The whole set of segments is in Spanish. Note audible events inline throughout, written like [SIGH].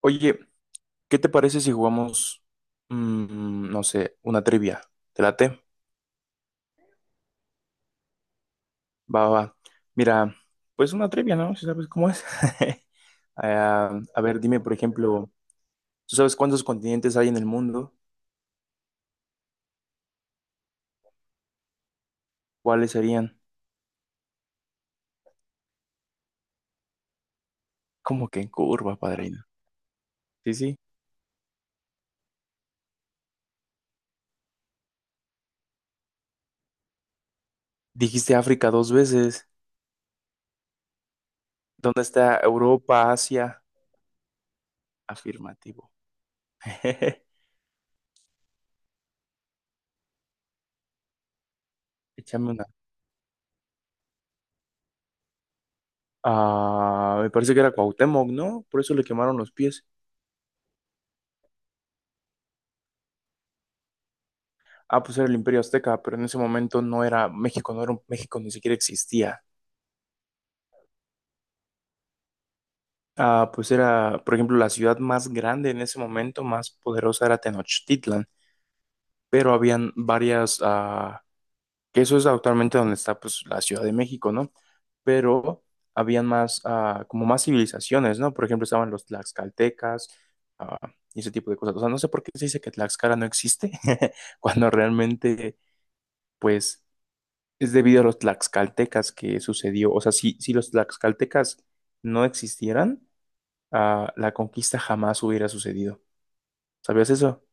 Oye, ¿qué te parece si jugamos, no sé, una trivia? ¿Te late? Va. Mira, pues una trivia, ¿no? Si sabes cómo es. [LAUGHS] A ver, dime, por ejemplo, ¿tú sabes cuántos continentes hay en el mundo? ¿Cuáles serían? ¿Cómo que en curva, padrino? Sí, sí. Dijiste África dos veces. ¿Dónde está Europa, Asia? Afirmativo. [LAUGHS] Échame una. Ah, me parece que era Cuauhtémoc, ¿no? Por eso le quemaron los pies. Ah, pues era el Imperio Azteca, pero en ese momento no era México, México ni siquiera existía. Ah, pues era, por ejemplo, la ciudad más grande en ese momento, más poderosa era Tenochtitlan, pero habían varias, que eso es actualmente donde está, pues, la Ciudad de México, ¿no? Pero habían más, como más civilizaciones, ¿no? Por ejemplo, estaban los tlaxcaltecas, ah, y ese tipo de cosas. O sea, no sé por qué se dice que Tlaxcala no existe, [LAUGHS] cuando realmente, pues es debido a los tlaxcaltecas que sucedió. O sea, si los tlaxcaltecas no existieran, la conquista jamás hubiera sucedido. ¿Sabías eso?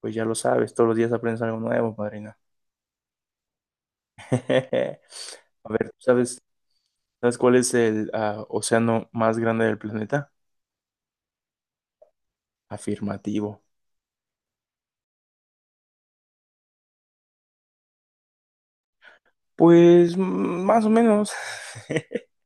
Pues ya lo sabes, todos los días aprendes algo nuevo, madrina. [LAUGHS] A ver, ¿sabes cuál es el océano más grande del planeta? Afirmativo. Pues más o menos. [LAUGHS]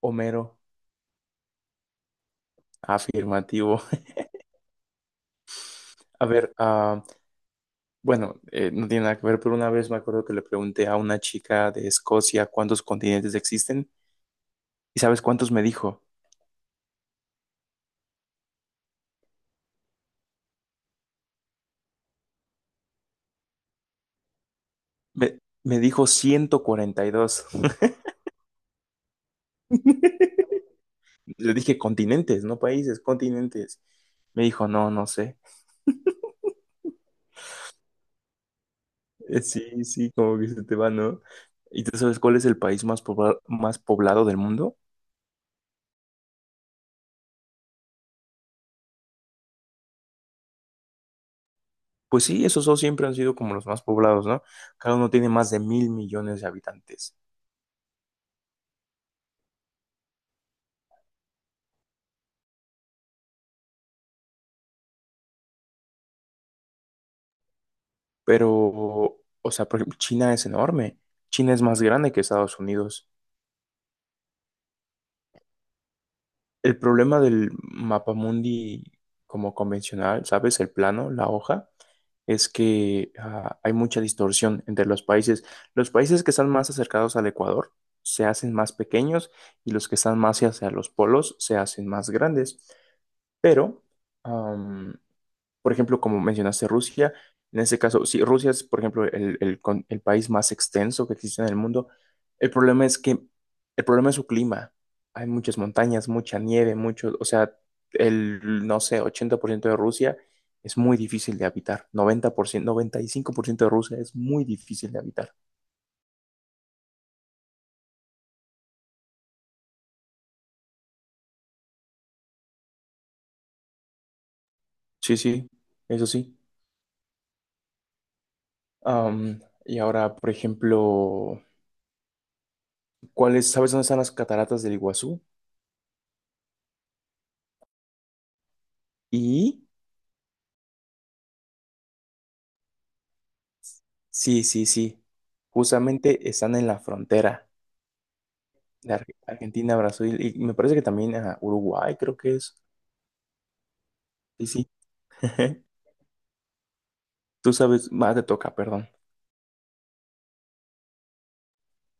Homero, afirmativo. [LAUGHS] A ver, bueno, no tiene nada que ver, pero una vez me acuerdo que le pregunté a una chica de Escocia cuántos continentes existen y ¿sabes cuántos me dijo? Me dijo 142. [LAUGHS] Le dije continentes, no países, continentes. Me dijo, no, no sé. Sí, sí, como que se te va, ¿no? ¿Y tú sabes cuál es el país más poblado del mundo? Pues sí, esos dos siempre han sido como los más poblados, ¿no? Cada uno tiene más de 1.000 millones de habitantes. Pero, o sea, por ejemplo, China es enorme. China es más grande que Estados Unidos. El problema del mapa mundi como convencional, ¿sabes? El plano, la hoja, es que hay mucha distorsión entre los países. Los países que están más acercados al Ecuador se hacen más pequeños y los que están más hacia los polos se hacen más grandes. Pero, am, por ejemplo, como mencionaste Rusia, en ese caso, si Rusia es, por ejemplo, el país más extenso que existe en el mundo, el problema es que, el problema es su clima. Hay muchas montañas, mucha nieve, mucho, o sea, el, no sé, 80% de Rusia es muy difícil de habitar. Noventa por ciento, 95% de Rusia es muy difícil de habitar. Sí, sí, eso sí. Y ahora, por ejemplo, sabes dónde están las cataratas del Iguazú? Y sí, sí, sí. Justamente están en la frontera Argentina, Brasil y me parece que también a Uruguay, creo que es. Sí, sí. [LAUGHS] Tú sabes, más te toca, perdón.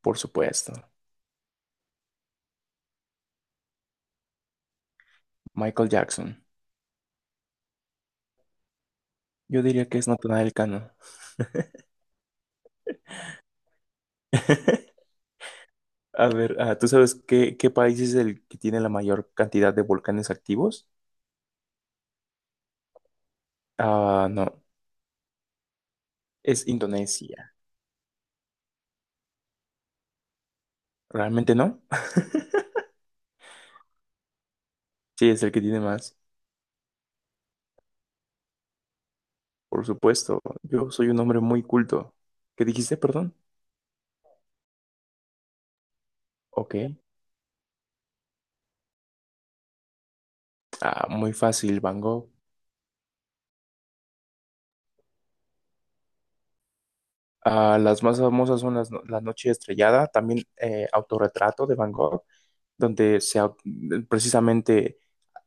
Por supuesto. Michael Jackson. Yo diría que es Natanael Cano. [LAUGHS] A ver, ¿tú sabes qué país es el que tiene la mayor cantidad de volcanes activos? Ah, no. Es Indonesia. ¿Realmente no? [LAUGHS] Sí, es el que tiene más. Por supuesto. Yo soy un hombre muy culto. ¿Qué dijiste, perdón? Ok. Ah, muy fácil, Van Gogh. Ah, las más famosas son las, no- La Noche Estrellada, también Autorretrato de Van Gogh, donde se, au- precisamente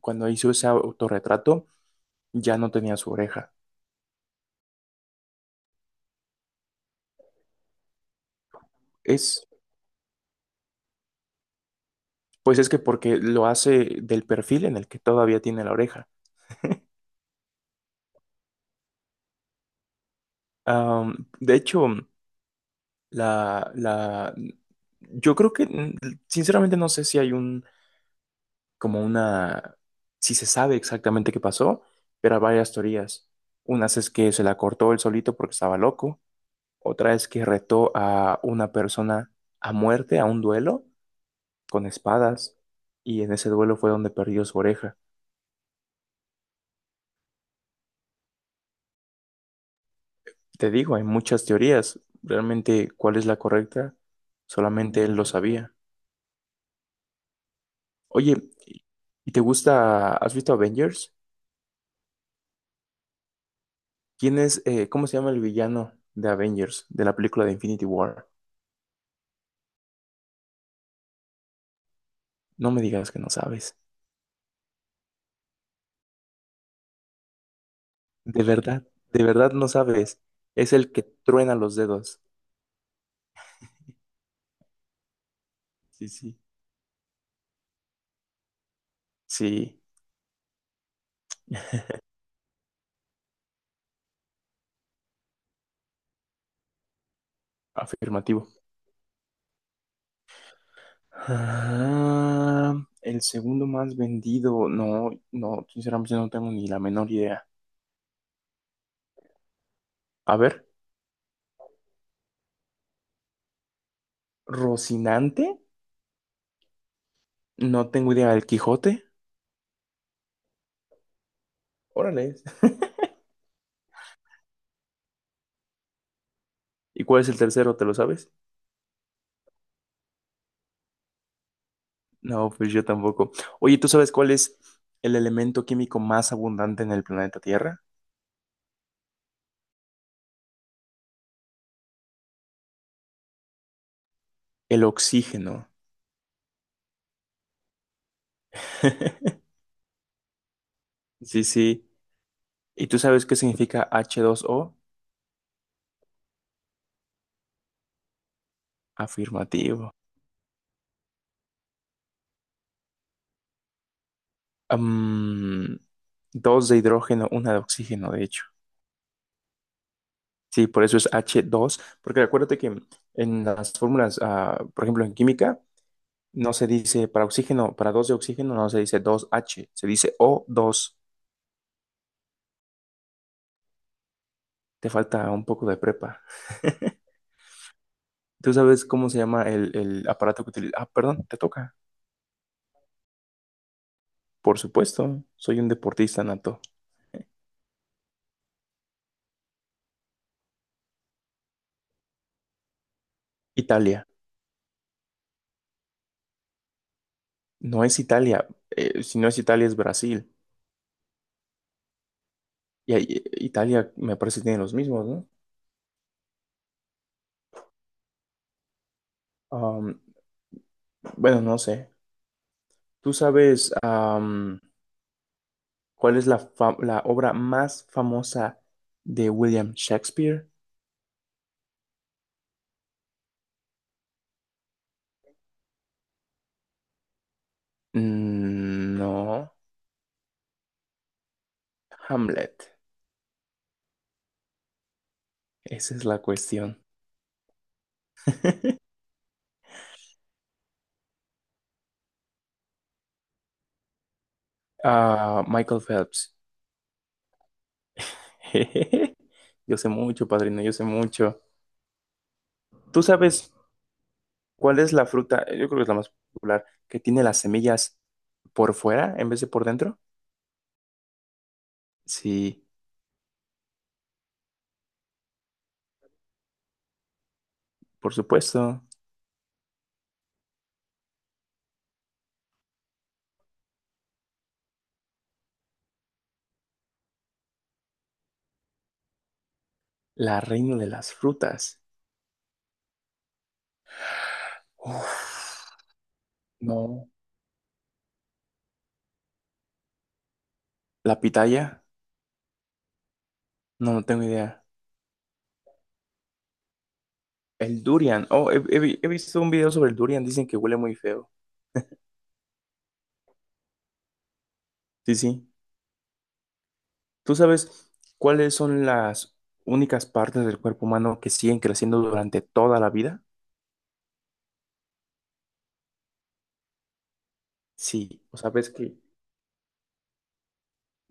cuando hizo ese autorretrato ya no tenía su oreja. Es, pues es que porque lo hace del perfil en el que todavía tiene la oreja. De hecho, la, la, yo creo que, sinceramente, no sé si hay un como una, sí se sabe exactamente qué pasó, pero hay varias teorías. Unas es que se la cortó él solito porque estaba loco, otra es que retó a una persona a muerte, a un duelo, con espadas, y en ese duelo fue donde perdió su oreja. Te digo, hay muchas teorías, realmente cuál es la correcta, solamente él lo sabía. Oye, ¿y te gusta, has visto Avengers? ¿Quién es, cómo se llama el villano de Avengers, de la película de Infinity War? No me digas que no sabes. De verdad, de verdad no sabes. Es el que truena los dedos. Sí, sí. Sí, afirmativo. Ah, el segundo más vendido. No, no, sinceramente no tengo ni la menor idea. A ver, Rocinante. No tengo idea. ¿El Quijote? Órale. ¿Y cuál es el tercero? ¿Te lo sabes? No, pues yo tampoco. Oye, ¿tú sabes cuál es el elemento químico más abundante en el planeta Tierra? El oxígeno. [LAUGHS] Sí, sí. ¿Y tú sabes qué significa h dos o afirmativo. Am, Dos de hidrógeno, una de oxígeno, de hecho. Sí, por eso es h dos. Porque acuérdate que en las fórmulas, por ejemplo, en química, no se dice para oxígeno, para dos de oxígeno, no se dice dos h, se dice o dos. Te falta un poco de prepa. ¿Tú sabes cómo se llama el aparato que utiliza? Ah, perdón, te toca. Por supuesto, soy un deportista nato. Italia. No es Italia. Si no es Italia, es Brasil. Y ahí- Italia me parece que tiene los mismos, ¿no? Am, bueno, no sé. ¿Tú sabes cuál es la obra más famosa de William Shakespeare? Mm, no. Hamlet. Esa es la cuestión. [LAUGHS] Ah, Michael Phelps. [LAUGHS] Yo sé mucho, padrino, yo sé mucho. ¿Tú sabes cuál es la fruta? Yo creo que es la más popular, que tiene las semillas por fuera en vez de por dentro. Sí, por supuesto. La reina de las frutas. Uf, no. La pitaya. No, no tengo idea. El durian. Oh, he visto un video sobre el durian. Dicen que huele muy feo. Sí, sí. ¿Tú sabes cuáles son las únicas partes del cuerpo humano que siguen creciendo durante toda la vida? Sí. O sea, ves que...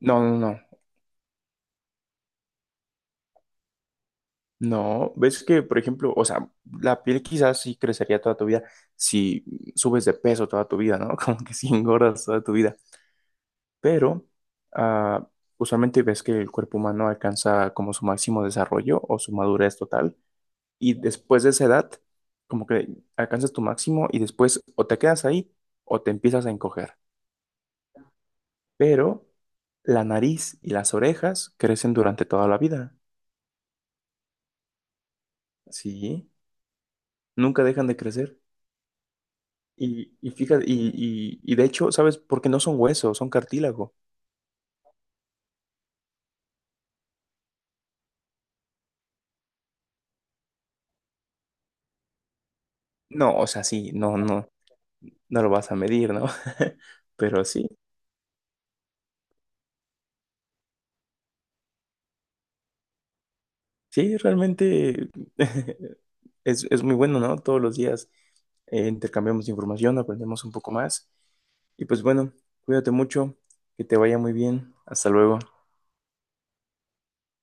No, no, no. No. Ves que, por ejemplo, o sea, la piel quizás sí crecería toda tu vida si subes de peso toda tu vida, ¿no? [LAUGHS] Como que si engordas toda tu vida. Pero ah, usualmente ves que el cuerpo humano alcanza como su máximo desarrollo o su madurez total y después de esa edad como que alcanzas tu máximo y después o te quedas ahí o te empiezas a encoger. Pero la nariz y las orejas crecen durante toda la vida, ¿sí? Nunca dejan de crecer. Y fíjate, y de hecho, ¿sabes? Porque no son huesos, son cartílago. No, o sea, sí, no, no, no lo vas a medir, ¿no? [LAUGHS] Pero sí. Sí, realmente [LAUGHS] es muy bueno, ¿no? Todos los días intercambiamos información, aprendemos un poco más. Y pues bueno, cuídate mucho, que te vaya muy bien. Hasta luego.